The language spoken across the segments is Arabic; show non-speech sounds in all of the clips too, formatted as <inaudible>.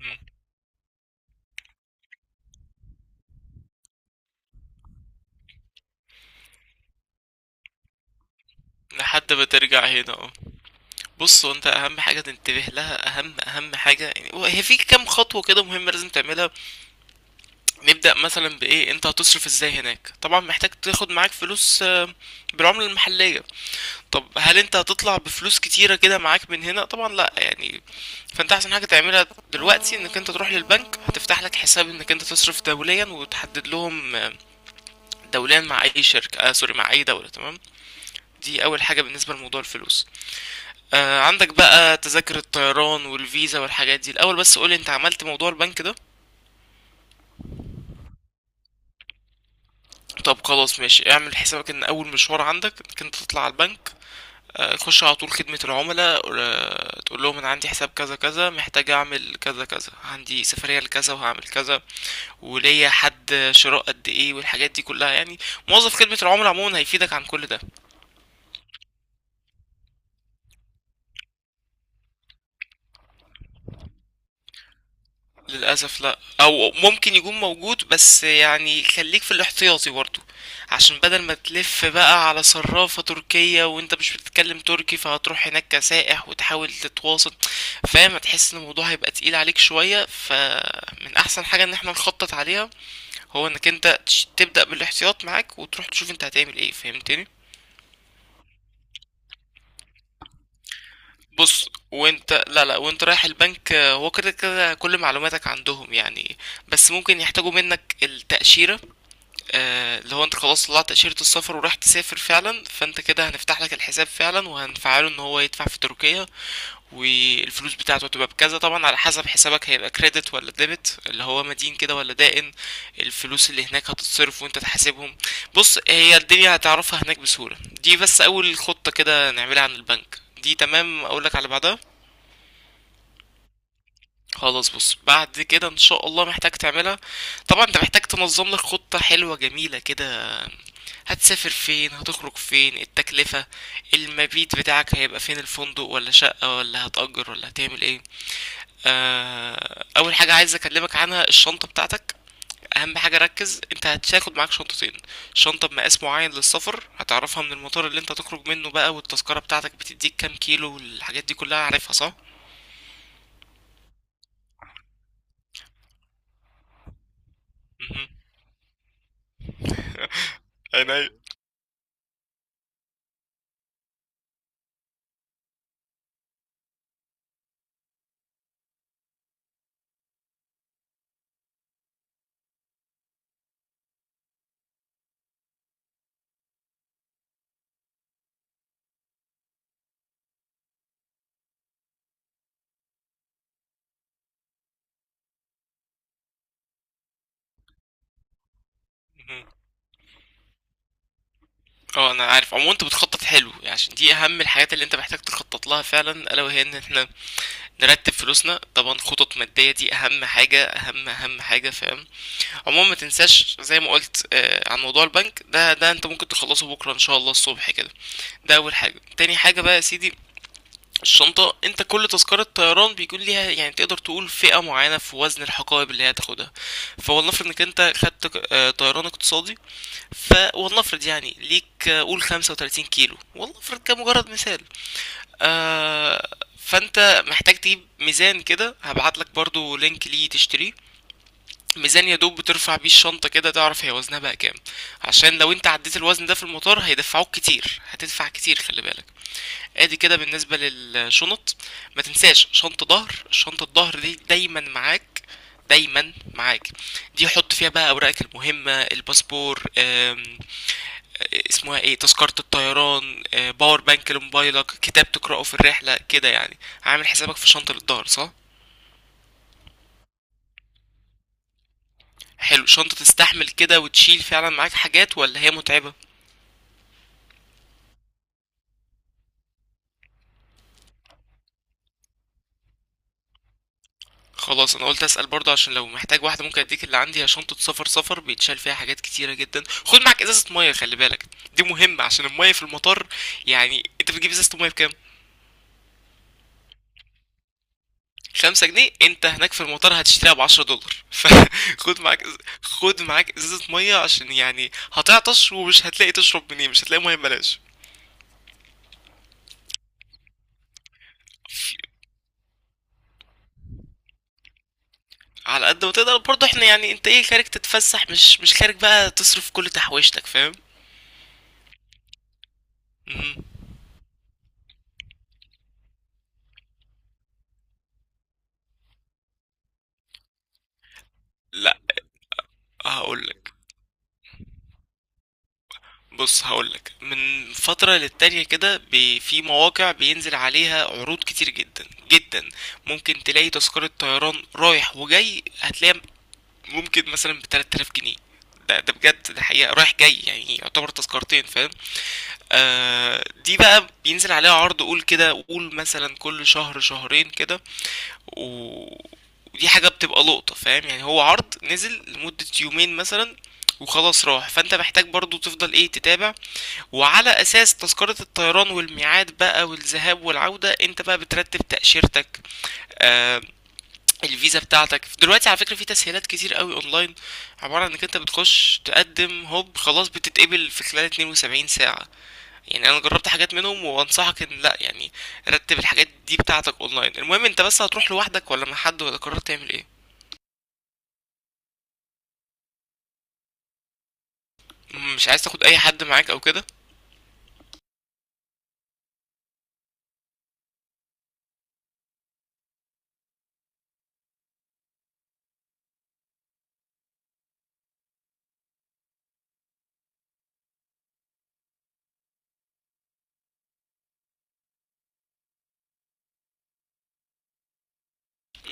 مم. لحد ما ترجع هنا، اه. بص، هو انت اهم حاجه تنتبه لها، اهم اهم حاجه يعني هي في كام خطوه كده مهمه لازم تعملها. نبدا مثلا بايه؟ انت هتصرف ازاي هناك؟ طبعا محتاج تاخد معاك فلوس بالعمله المحليه. طب هل انت هتطلع بفلوس كتيره كده معاك من هنا؟ طبعا لا يعني. فانت احسن حاجه تعملها دلوقتي انك انت تروح للبنك، هتفتح لك حساب انك انت تصرف دوليا، وتحدد لهم دوليا مع اي شركه، سوري، مع اي دوله، تمام. دي اول حاجه بالنسبه لموضوع الفلوس. عندك بقى تذاكر الطيران والفيزا والحاجات دي الاول، بس قولي، انت عملت موضوع البنك ده؟ طب خلاص، ماشي، اعمل حسابك ان اول مشوار عندك انك انت تطلع على البنك. تخش على طول خدمة العملاء، تقول لهم انا عندي حساب كذا كذا، محتاج اعمل كذا كذا، عندي سفرية لكذا وهعمل كذا، وليا حد شراء قد ايه والحاجات دي كلها يعني. موظف خدمة العملاء عموما هيفيدك عن كل ده. للأسف لا، أو ممكن يكون موجود بس يعني خليك في الاحتياطي برضو، عشان بدل ما تلف بقى على صرافة تركية وانت مش بتتكلم تركي، فهتروح هناك كسائح وتحاول تتواصل، فاهم؟ هتحس ان الموضوع هيبقى تقيل عليك شوية، فمن أحسن حاجة ان احنا نخطط عليها، هو انك انت تبدأ بالاحتياط معاك، وتروح تشوف انت هتعمل ايه، فهمتني؟ بص، وانت، لا لا، وانت رايح البنك، هو كده كده كل معلوماتك عندهم يعني، بس ممكن يحتاجوا منك التأشيرة. اللي هو انت خلاص طلعت تأشيرة السفر وراح تسافر فعلا، فانت كده هنفتح لك الحساب فعلا وهنفعله ان هو يدفع في تركيا، والفلوس بتاعته هتبقى بكذا، طبعا على حسب حسابك هيبقى كريدت ولا ديبت، اللي هو مدين كده ولا دائن. الفلوس اللي هناك هتتصرف وانت تحاسبهم. بص، هي الدنيا هتعرفها هناك بسهولة. دي بس اول خطة كده نعملها عن البنك، دي تمام؟ اقولك على بعدها. خلاص، بص، بعد كده ان شاء الله محتاج تعملها. طبعا انت محتاج تنظم لك خطة حلوة جميلة كده، هتسافر فين، هتخرج فين، التكلفة، المبيت بتاعك هيبقى فين، الفندق ولا شقة ولا هتأجر ولا هتعمل ايه. اول حاجة عايز اكلمك عنها الشنطة بتاعتك. اهم حاجة ركز، انت هتاخد معاك شنطتين، شنطة بمقاس معين للسفر هتعرفها من المطار اللي انت تخرج منه بقى، والتذكرة بتاعتك بتديك كام كيلو والحاجات دي كلها، عارفها صح؟ مهم. عينيا. اه، انا عارف عموما انت بتخطط حلو يعني، عشان دي اهم الحاجات اللي انت محتاج تخطط لها فعلا، الا وهي ان احنا نرتب فلوسنا، طبعا خطط مادية دي اهم حاجة، اهم اهم حاجة، فاهم؟ عموما ما تنساش زي ما قلت عن موضوع البنك ده، ده انت ممكن تخلصه بكرة ان شاء الله الصبح كده. ده اول حاجة، تاني حاجة بقى يا سيدي، الشنطة، انت كل تذكرة طيران بيكون ليها يعني، تقدر تقول فئة معينة في وزن الحقائب اللي هي هتاخدها. فولنفرض انك انت خدت طيران اقتصادي، فولنفرض يعني ليك قول 35 كيلو، ولنفرض كمجرد مثال. فانت محتاج تجيب ميزان كده، هبعت لك برضو لينك ليه تشتريه، ميزان يا دوب بترفع بيه الشنطة كده تعرف هي وزنها بقى كام. عشان لو انت عديت الوزن ده في المطار هيدفعوك كتير، هتدفع كتير، خلي بالك. ادي كده بالنسبة للشنط. ما تنساش شنطة ظهر، شنطة الظهر دي دايما معاك، دايما معاك. دي حط فيها بقى اوراقك المهمة، الباسبور، اسمها ايه، تذكرة الطيران، باور بانك لموبايلك، كتاب تقرأه في الرحلة كده يعني. عامل حسابك في شنطة للظهر، صح؟ حلو، شنطة تستحمل كده وتشيل فعلا معاك حاجات ولا هي متعبة؟ خلاص، انا قلت اسأل برضه عشان لو محتاج واحدة ممكن اديك اللي عندي، هي شنطة سفر سفر بيتشال فيها حاجات كتيرة جدا. خد معاك ازازة مية، خلي بالك، دي مهمة عشان المية في المطار. يعني انت بتجيب ازازة المية بكام؟ خمسة جنيه؟ انت هناك في المطار هتشتريها بعشرة دولار، فخد <laughs> معاك، خد معاك ازازة مية عشان يعني هتعطش، ومش هتلاقي تشرب منين، مش هتلاقي مية ببلاش. في- على قد ما تقدر برضه، احنا يعني انت ايه، خارج تتفسح، مش خارج بقى تصرف كل تحويشتك، فاهم؟ مم. لا، هقولك، بص هقولك، من فترة للتانية كده، في مواقع بينزل عليها عروض كتير جدا جدا. ممكن تلاقي تذكرة طيران رايح وجاي، هتلاقيها ممكن مثلًا ب3000 جنيه. ده بجد، ده حقيقة رايح جاي يعني يعتبر تذكرتين، فاهم؟ دي بقى بينزل عليها عرض قُل كده، قُل مثلًا كل شهر شهرين كده، و ودي حاجة بتبقى لقطة، فاهم؟ يعني هو عرض نزل لمدة يومين مثلًا وخلاص راح، فأنت محتاج برضه تفضل إيه تتابع، وعلى أساس تذكرة الطيران والميعاد بقى والذهاب والعودة أنت بقى بترتب تأشيرتك. آآ الفيزا بتاعتك دلوقتي، على فكرة، في تسهيلات كتير قوي اونلاين، عبارة عن انك انت بتخش تقدم هوب خلاص بتتقبل في خلال 72 ساعة. يعني انا جربت حاجات منهم وانصحك ان لا يعني، رتب الحاجات دي بتاعتك اونلاين. المهم، انت بس هتروح لوحدك ولا مع حد ولا قررت تعمل ايه؟ مش عايز تاخد اي حد معاك او كده؟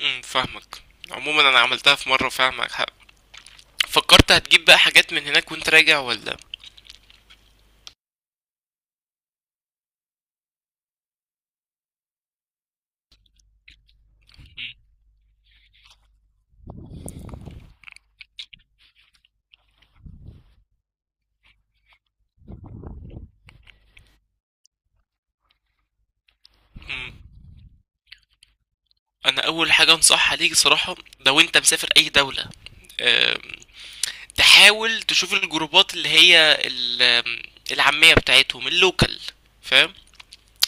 فاهمك، عموما انا عملتها في مرة، فاهمك حق. فكرت هتجيب بقى حاجات من هناك وانت راجع ولا؟ مم. انا اول حاجة انصحها ليك صراحة، لو انت مسافر اي دولة، تحاول تشوف الجروبات اللي هي العامية بتاعتهم، اللوكال، فاهم؟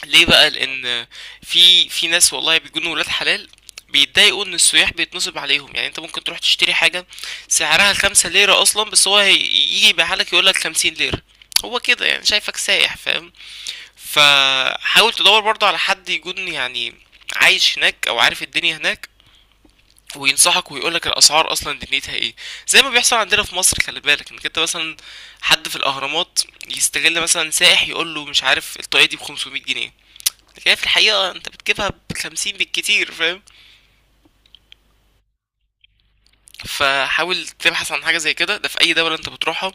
ليه بقى؟ لان في ناس والله بيكونوا ولاد حلال، بيتضايقوا ان السياح بيتنصب عليهم، يعني انت ممكن تروح تشتري حاجة سعرها خمسة ليرة اصلا، بس هو يجي يبيعها لك يقول لك خمسين ليرة. هو كده يعني شايفك سايح، فاهم؟ فحاول تدور برضه على حد يكون يعني عايش هناك او عارف الدنيا هناك، وينصحك ويقول لك الاسعار اصلا دنيتها ايه. زي ما بيحصل عندنا في مصر، خلي بالك انك انت مثلا، حد في الاهرامات يستغل مثلا سائح يقول له مش عارف، الطاقيه دي ب 500 جنيه، لكن هي في الحقيقه انت بتجيبها ب 50 بالكتير، فاهم؟ فحاول تبحث عن حاجه زي كده، ده في اي دوله انت بتروحها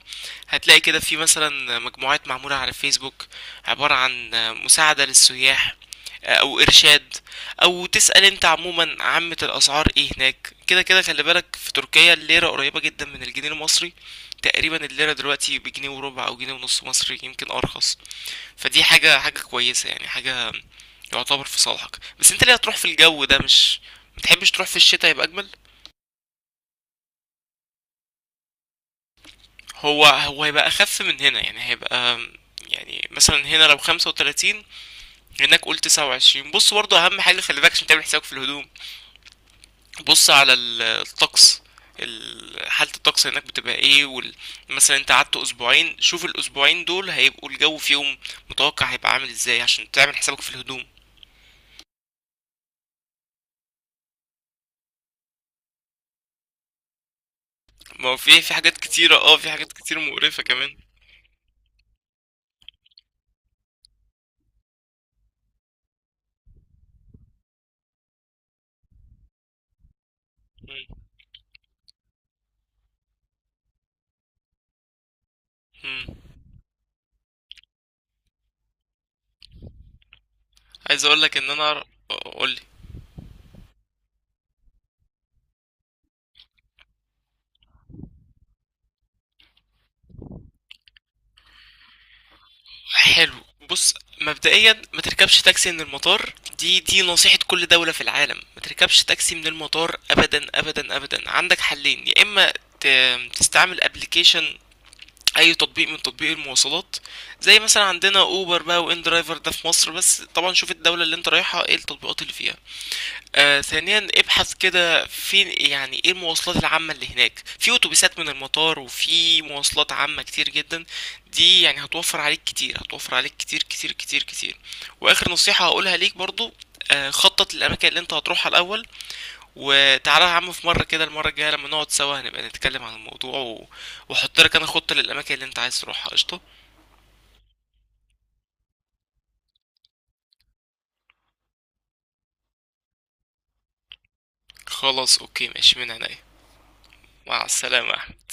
هتلاقي كده في مثلا مجموعات معموله على الفيسبوك، عباره عن مساعده للسياح او ارشاد، او تسأل انت عموما عامة الاسعار ايه هناك. كده كده خلي بالك، في تركيا الليرة قريبة جدا من الجنيه المصري، تقريبا الليرة دلوقتي بجنيه وربع او جنيه ونص مصري، يمكن ارخص. فدي حاجة حاجة كويسة يعني، حاجة يعتبر في صالحك. بس انت ليه هتروح في الجو ده؟ مش متحبش تروح في الشتاء يبقى اجمل؟ هو هيبقى اخف من هنا يعني، هيبقى يعني مثلا هنا لو 35، هناك قول 29. بص، برضه اهم حاجة خلي بالك عشان تعمل حسابك في الهدوم، بص على الطقس، حالة الطقس هناك بتبقى ايه، مثلا انت قعدت اسبوعين، شوف الاسبوعين دول هيبقوا الجو فيهم متوقع هيبقى عامل ازاي، عشان تعمل حسابك في الهدوم. ما هو في حاجات كتيرة، اه، في حاجات كتير مقرفة كمان. مم. مم. عايز اقول لك ان انا، قولي، حلو، بص، مبدئيا ما تركبش تاكسي من المطار، دي نصيحة كل دولة في العالم، ما تركبش تاكسي من المطار ابدا ابدا ابدا. عندك حلين، يا اما تستعمل ابلكيشن، اي تطبيق من تطبيق المواصلات، زي مثلا عندنا اوبر بقى وان درايفر، ده في مصر بس طبعا، شوف الدولة اللي انت رايحها ايه التطبيقات اللي فيها. ثانيا، ابحث كده فين يعني ايه المواصلات العامة اللي هناك، في اتوبيسات من المطار وفي مواصلات عامة كتير جدا، دي يعني هتوفر عليك كتير، هتوفر عليك كتير كتير كتير كتير. واخر نصيحة هقولها ليك برضو، خطط للأماكن اللي أنت هتروحها الأول، وتعالى يا عم في مرة كده المرة الجاية لما نقعد سوا هنبقى نتكلم عن الموضوع وأحط لك أنا خطة للأماكن اللي أنت عايز تروحها، قشطة. خلاص أوكي ماشي، من عينيا. مع السلامة يا أحمد.